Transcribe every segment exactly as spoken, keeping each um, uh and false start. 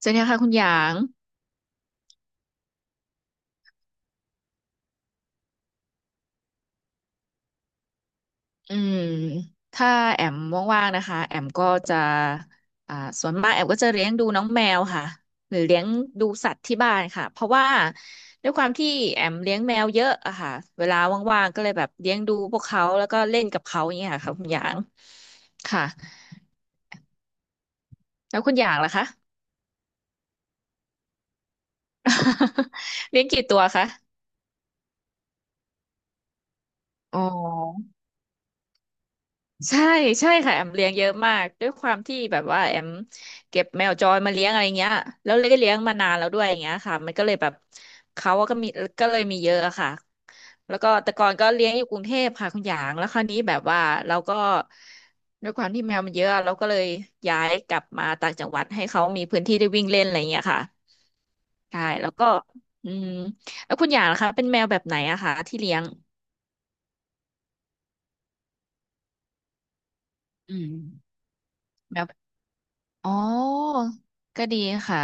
สวัสดีค่ะคุณหยางอืมถ้าแอมว่างๆนะคะแอมก็จะอ่าส่วนมากแอมก็จะเลี้ยงดูน้องแมวค่ะหรือเลี้ยงดูสัตว์ที่บ้านค่ะเพราะว่าด้วยความที่แอมเลี้ยงแมวเยอะอะค่ะเวลาว่างๆก็เลยแบบเลี้ยงดูพวกเขาแล้วก็เล่นกับเขาอย่างเงี้ยค่ะคุณหยางค่ะแล้วคุณหยางล่ะคะ เลี้ยงกี่ตัวคะอ๋อ ใช่ใช่ค่ะแอมเลี้ยงเยอะมากด้วยความที่แบบว่าแอมเก็บแมวจรมาเลี้ยงอะไรเงี้ยแล้วเลยได้เลี้ยงมานานแล้วด้วยอย่างเงี้ยค่ะมันก็เลยแบบเขาก็มีก็เลยมีเยอะอะค่ะแล้วก็แต่ก่อนก็เลี้ยงอยู่กรุงเทพค่ะคุณหยางแล้วคราวนี้แบบว่าเราก็ด้วยความที่แมวมันเยอะเราก็เลยย้ายกลับมาต่างจังหวัดให้เขามีพื้นที่ได้วิ่งเล่นอะไรเงี้ยค่ะใช่แล้วก็อืมแล้วคุณหยางนะคะเป็นแมวแบบไหนอะคะที่เลี้ยงอืม อ๋อก็ดีค่ะ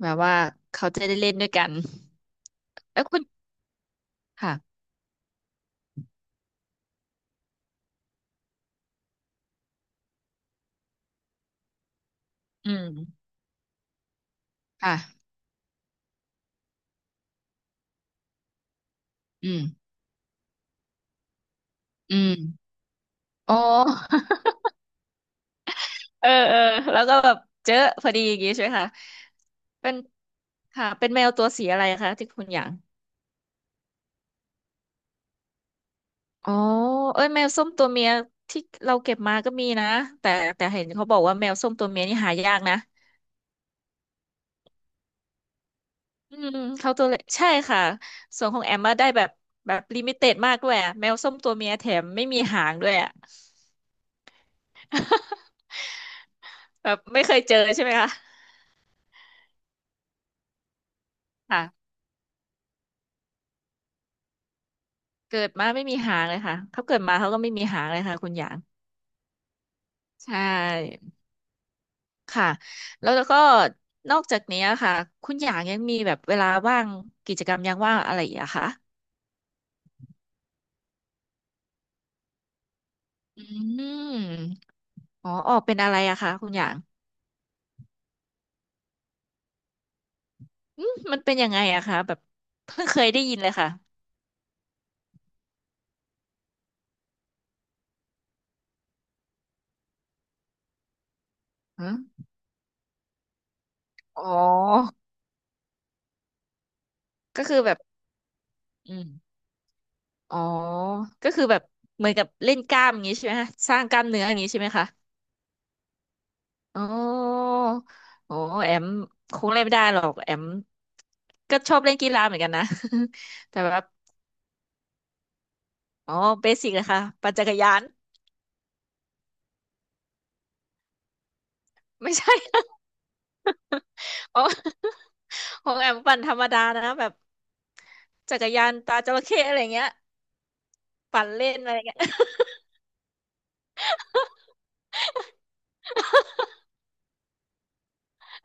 แบบว่าเขาจะได้เล่นด้วยกันแล้วคุณค่ะอืมค่ะอืมอืมอ๋อ เออเออแล้วก็แบบเจอพอดีอย่างงี้ใช่ไหมคะเป็นค่ะเป็นแมวตัวสีอะไรคะที่คุณอยากอ๋อเอ้ยแมวส้มตัวเมียที่เราเก็บมาก็มีนะแต่แต่เห็นเขาบอกว่าแมวส้มตัวเมียนี่หายากนะ อืมเขาตัวเล็กใช่ค่ะส่วนของแอมมาได้แบบแบบลิมิเต็ดมากด้วยอะแมวส้มตัวเมียแถมไม่มีหางด้วยอะ แบบไม่เคยเจอใช่ไหมคะค่ะเกิดมาไม่มีหางเลยค่ะเขาเกิดมาเขาก็ไม่มีหางเลยค่ะคุณหยางใช่ค่ะแล้วแล้วก็นอกจากนี้ค่ะคุณหยางยังมีแบบเวลาว่างกิจกรรมยามว่างอะไรอีกอะคะอืมอ๋อออกเป็นอะไรอะคะคุณหยางอืมมันเป็นยังไงอะคะแบบเพิ่งเคยได้ยินเลยค่ะฮะอ๋อ ก็คือแบบอืมอ๋อก็คือแบบเหมือนกับเล่นกล้ามอย่างนี้ใช่ไหมคะสร้างกล้ามเนื้ออย่างนี้ใช่ไหมคะอ๋อโอ้แอมคงเล่นไม่ได้หรอกแอมก็ชอบเล่นกีฬาเหมือนกันนะ แต่แบบอ๋อเบสิกเลยค่ะปั่นจักรยาน ไม่ใช่ อ๋อของแอมปั่นธรรมดานะแบบจักรยานตาจระเข้อะไรเงี้ยปั่นเล่นอะไรเงี้ย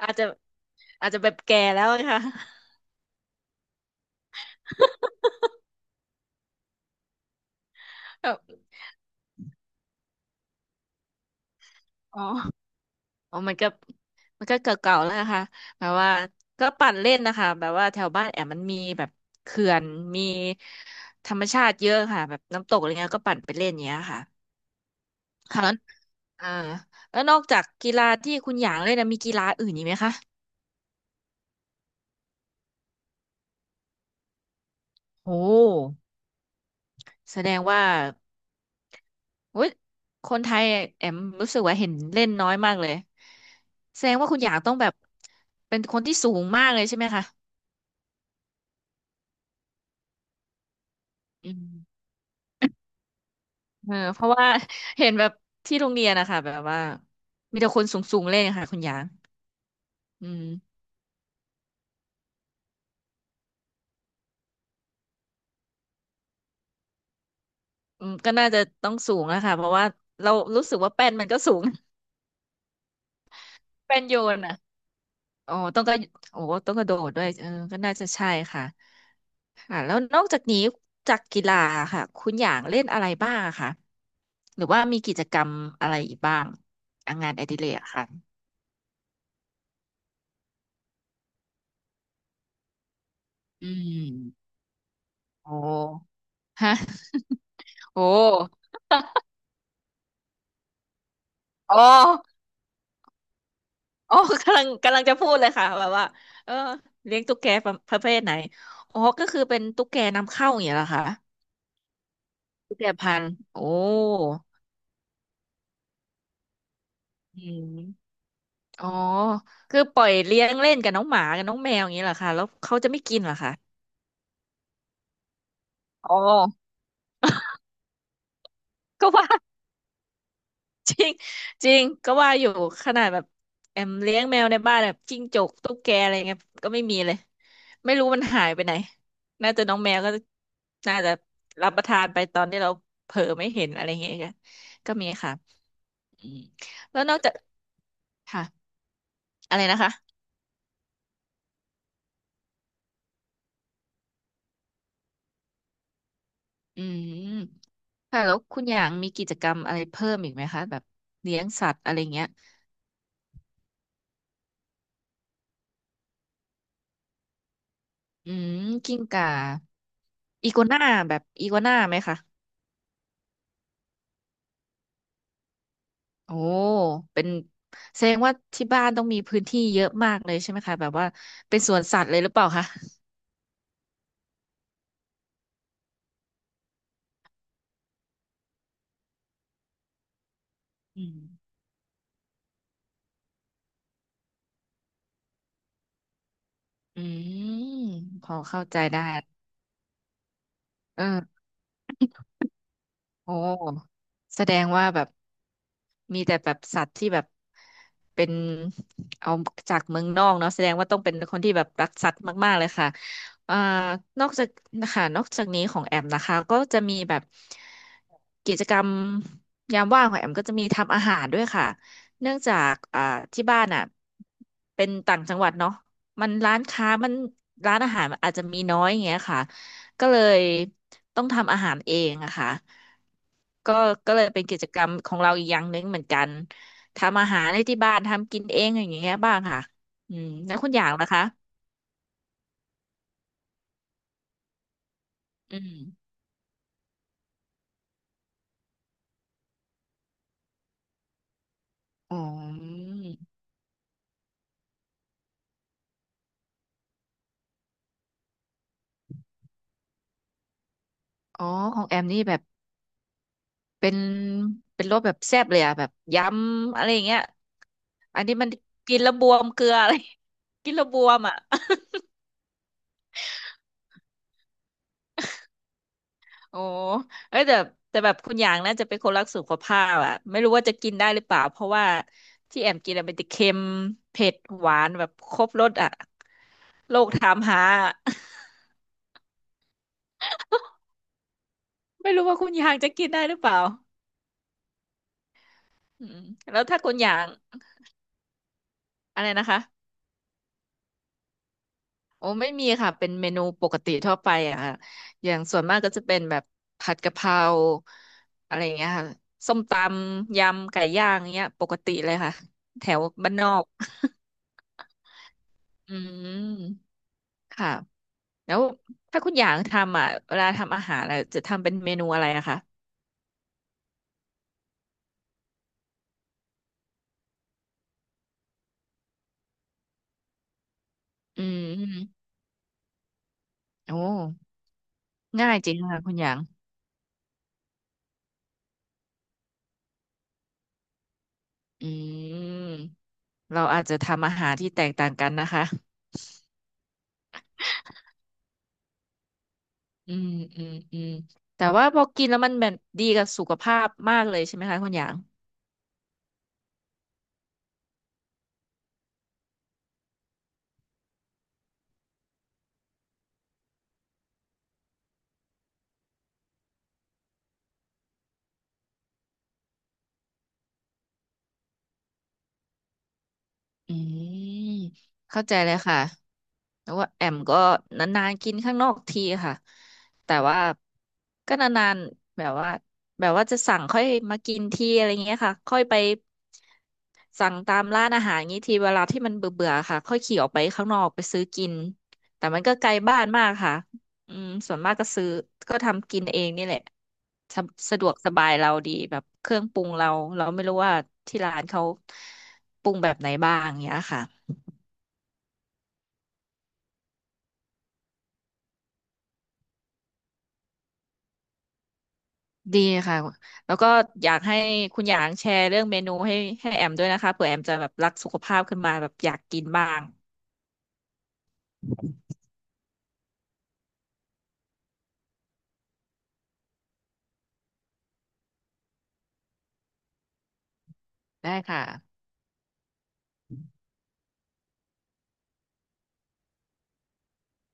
อาจจะอาจจะแบบแก่แล้วอะค่ะ แบบอ๋อ อ๋อมันก็มันก็เก่าๆแล้วนะคะแบบว่าก็ปั่นเล่นนะคะ แบบว่าแถวบ้านแอมมันมีแบบเขื่อนมีธรรมชาติเยอะค่ะแบบน้ำตกอะไรเงี้ยก็ปั่นไปเล่นอย่างเงี้ยค่ะ ค่ะแล้วอ่าแล้วนอกจากกีฬาที่คุณหยางเล่นนะมีกีฬาอื่นอีกไหมคะโหแสดงว่าโอ้ยคนไทยแอมรู้สึกว่าเห็นเล่นน้อยมากเลยแสดงว่าคุณหยางต้องแบบเป็นคนที่สูงมากเลยใช่ไหมคะ อืม เออเพราะว่า เห็นแบบที่โรงเรียนนะคะแบบว่ามีแต่คนสูงๆเล่นค่ะคุณหยางอืมอืมก็น่าจะต้องสูงอะค่ะเพราะว่าเรารู้สึกว่าแป้นมันก็สูง แป้นโยนอะอ๋อต้องก็โอ้ต้องกระโดดด้วยเออก็น่าจะใช่ค่ะค่ะแล้วนอกจากนี้จากกีฬาค่ะคุณหยางเล่นอะไรบ้างอะคะหรือว่ามีกิจกรรมอะไรอีกบ้างอ่ะงานอดิเรกอะค่ะอืมโอ้ฮะโอ้อ๋อ อ๋อ กำลังกำลังจะพูดเลยค่ะแบบว่าเออเลี้ยงตุ๊กแกประประเภทไหนอ๋อก็คือเป็นตุ๊กแกนำเข้าอย่างเงี้ยเหรอคะตุ๊กแกพันธุ์โอ้อืมอ๋อคือปล่อยเลี้ยงเล่นกับน้องหมากับน้องแมวอย่างเงี้ยเหรอคะแล้วเขาจะไม่กินเหรอคะอ๋อก็ว่า จริงก็ว่าอยู่ขนาดแบบแอมเลี้ยงแมวในบ้านแบบจิ้งจกตุ๊กแกอะไรเงี้ยก็ไม่มีเลยไม่รู้มันหายไปไหนน่าจะน้องแมวก็น่าจะรับประทานไปตอนที่เราเผลอไม่เห็นอะไรเงี้ยก็ก็มีค่ะอืมแล้วนอกจากค่ะอะไรนะคะอืมค่ะแล้วคุณอย่างมีกิจกรรมอะไรเพิ่มอีกไหมคะแบบเลี้ยงสัตว์อะไรเงี้ยอืมกิ้งก่าอีกัวน่าแบบอีกัวน่าไหมคะ โอ้ เป็นแสดงว่าที่บ้านต้องมีพื้นที่เยอะมากเลยใช่ไหมคะแบบว่าเป็นสวนสัตว์เลยหรือเปล่าคะ อืมอืมพอเข้าใจได้เออ โอ้แสดงว่าแบบมีแต่แบบสัตว์ที่แบบเป็นเอาจากเมืองนอกเนาะแสดงว่าต้องเป็นคนที่แบบรักสัตว์มากๆเลยค่ะอ่านอกจากนะคะนอกจากนี้ของแอมนะคะก็จะมีแบบกิจกรรมยามว่างของแอมก็จะมีทำอาหารด้วยค่ะเนื่องจากอ่าที่บ้านอ่ะเป็นต่างจังหวัดเนาะมันร้านค้ามันร้านอาหารมันอาจจะมีน้อยอย่างเงี้ยค่ะก็เลยต้องทำอาหารเองอะค่ะ ก็ก็เลยเป็นกิจกรรมของเราอีกอย่างหนึ่งเหมือนกันทำอาหารในที่บ้านทำกินเองอย่างเงี้ยบ้างค่ะอืมแล้วคุณอย่างล่ะคะอืมอ๋ออ๋อของแอมนี่แบบเป็นเป็นรสแบบแซ่บเลยอะแบบยำอะไรอย่างเงี้ยอันนี้มันกินแล้วบวมเกลืออะไร กินแล้วบวมอ่ะ โอ้เอ้ยแต่แต่แบบคุณอยางน่าจะเป็นคนรักสุขภาพอะไม่รู้ว่าจะกินได้หรือเปล่าเพราะว่าที่แอมกินอะเป็นแต่เค็มเผ็ดหวานแบบครบรสอะโลกถามหา อะไม่รู้ว่าคุณอยางจะกินได้หรือเปล่าอืมแล้วถ้าคุณอยางอะไรนะคะโอ้ไม่มีค่ะเป็นเมนูปกติทั่วไปอะค่ะอย่างส่วนมากก็จะเป็นแบบผัดกะเพราอะไรอย่างเงี้ยค่ะส้มตำยำไก่ย่างเงี้ยปกติเลยค่ะแถวบ้านนอก อืมค่ะแล้วถ้าคุณอยางทำอ่ะเวลาทำอาหารอะจะทำเป็นเมนูอะไรอะคะอืมโอ้ง่ายจริงค่ะคุณหยางอืมเราอาจจะทำอาหารที่แตกต่างกันนะคะอืมอืมอืมแต่ว่าพอกินแล้วมันแบบดีกับสุขภาพมากเลยใช่ไหมคะคุณหยาง อืมเข้าใจเลยค่ะแต่ว่าแอมก็นานๆกินข้างนอกทีค่ะแต่ว่าก็นานๆแบบว่าแบบว่าจะสั่งค่อยมากินทีอะไรเงี้ยค่ะค่อยไปสั่งตามร้านอาหารงี้ทีเวลาที่มันเบื่อๆค่ะค่อยขี่ออกไปข้างนอกไปซื้อกินแต่มันก็ไกลบ้านมากค่ะ อืมส่วนมากก็ซื้อก็ทำกินเองนี่แหละสะสะดวกสบายเราดีแบบเครื่องปรุงเราเราไม่รู้ว่าที่ร้านเขาปรุงแบบไหนบ้างอย่างเนี้ยค่ะดีค่ะแล้วก็อยากให้คุณหยางแชร์เรื่องเมนูให้ให้แอมด้วยนะคะเผื่อแอมจะแบบรักสุขภาพขึ้นมาแบบอยากกินบ้างได้ค่ะ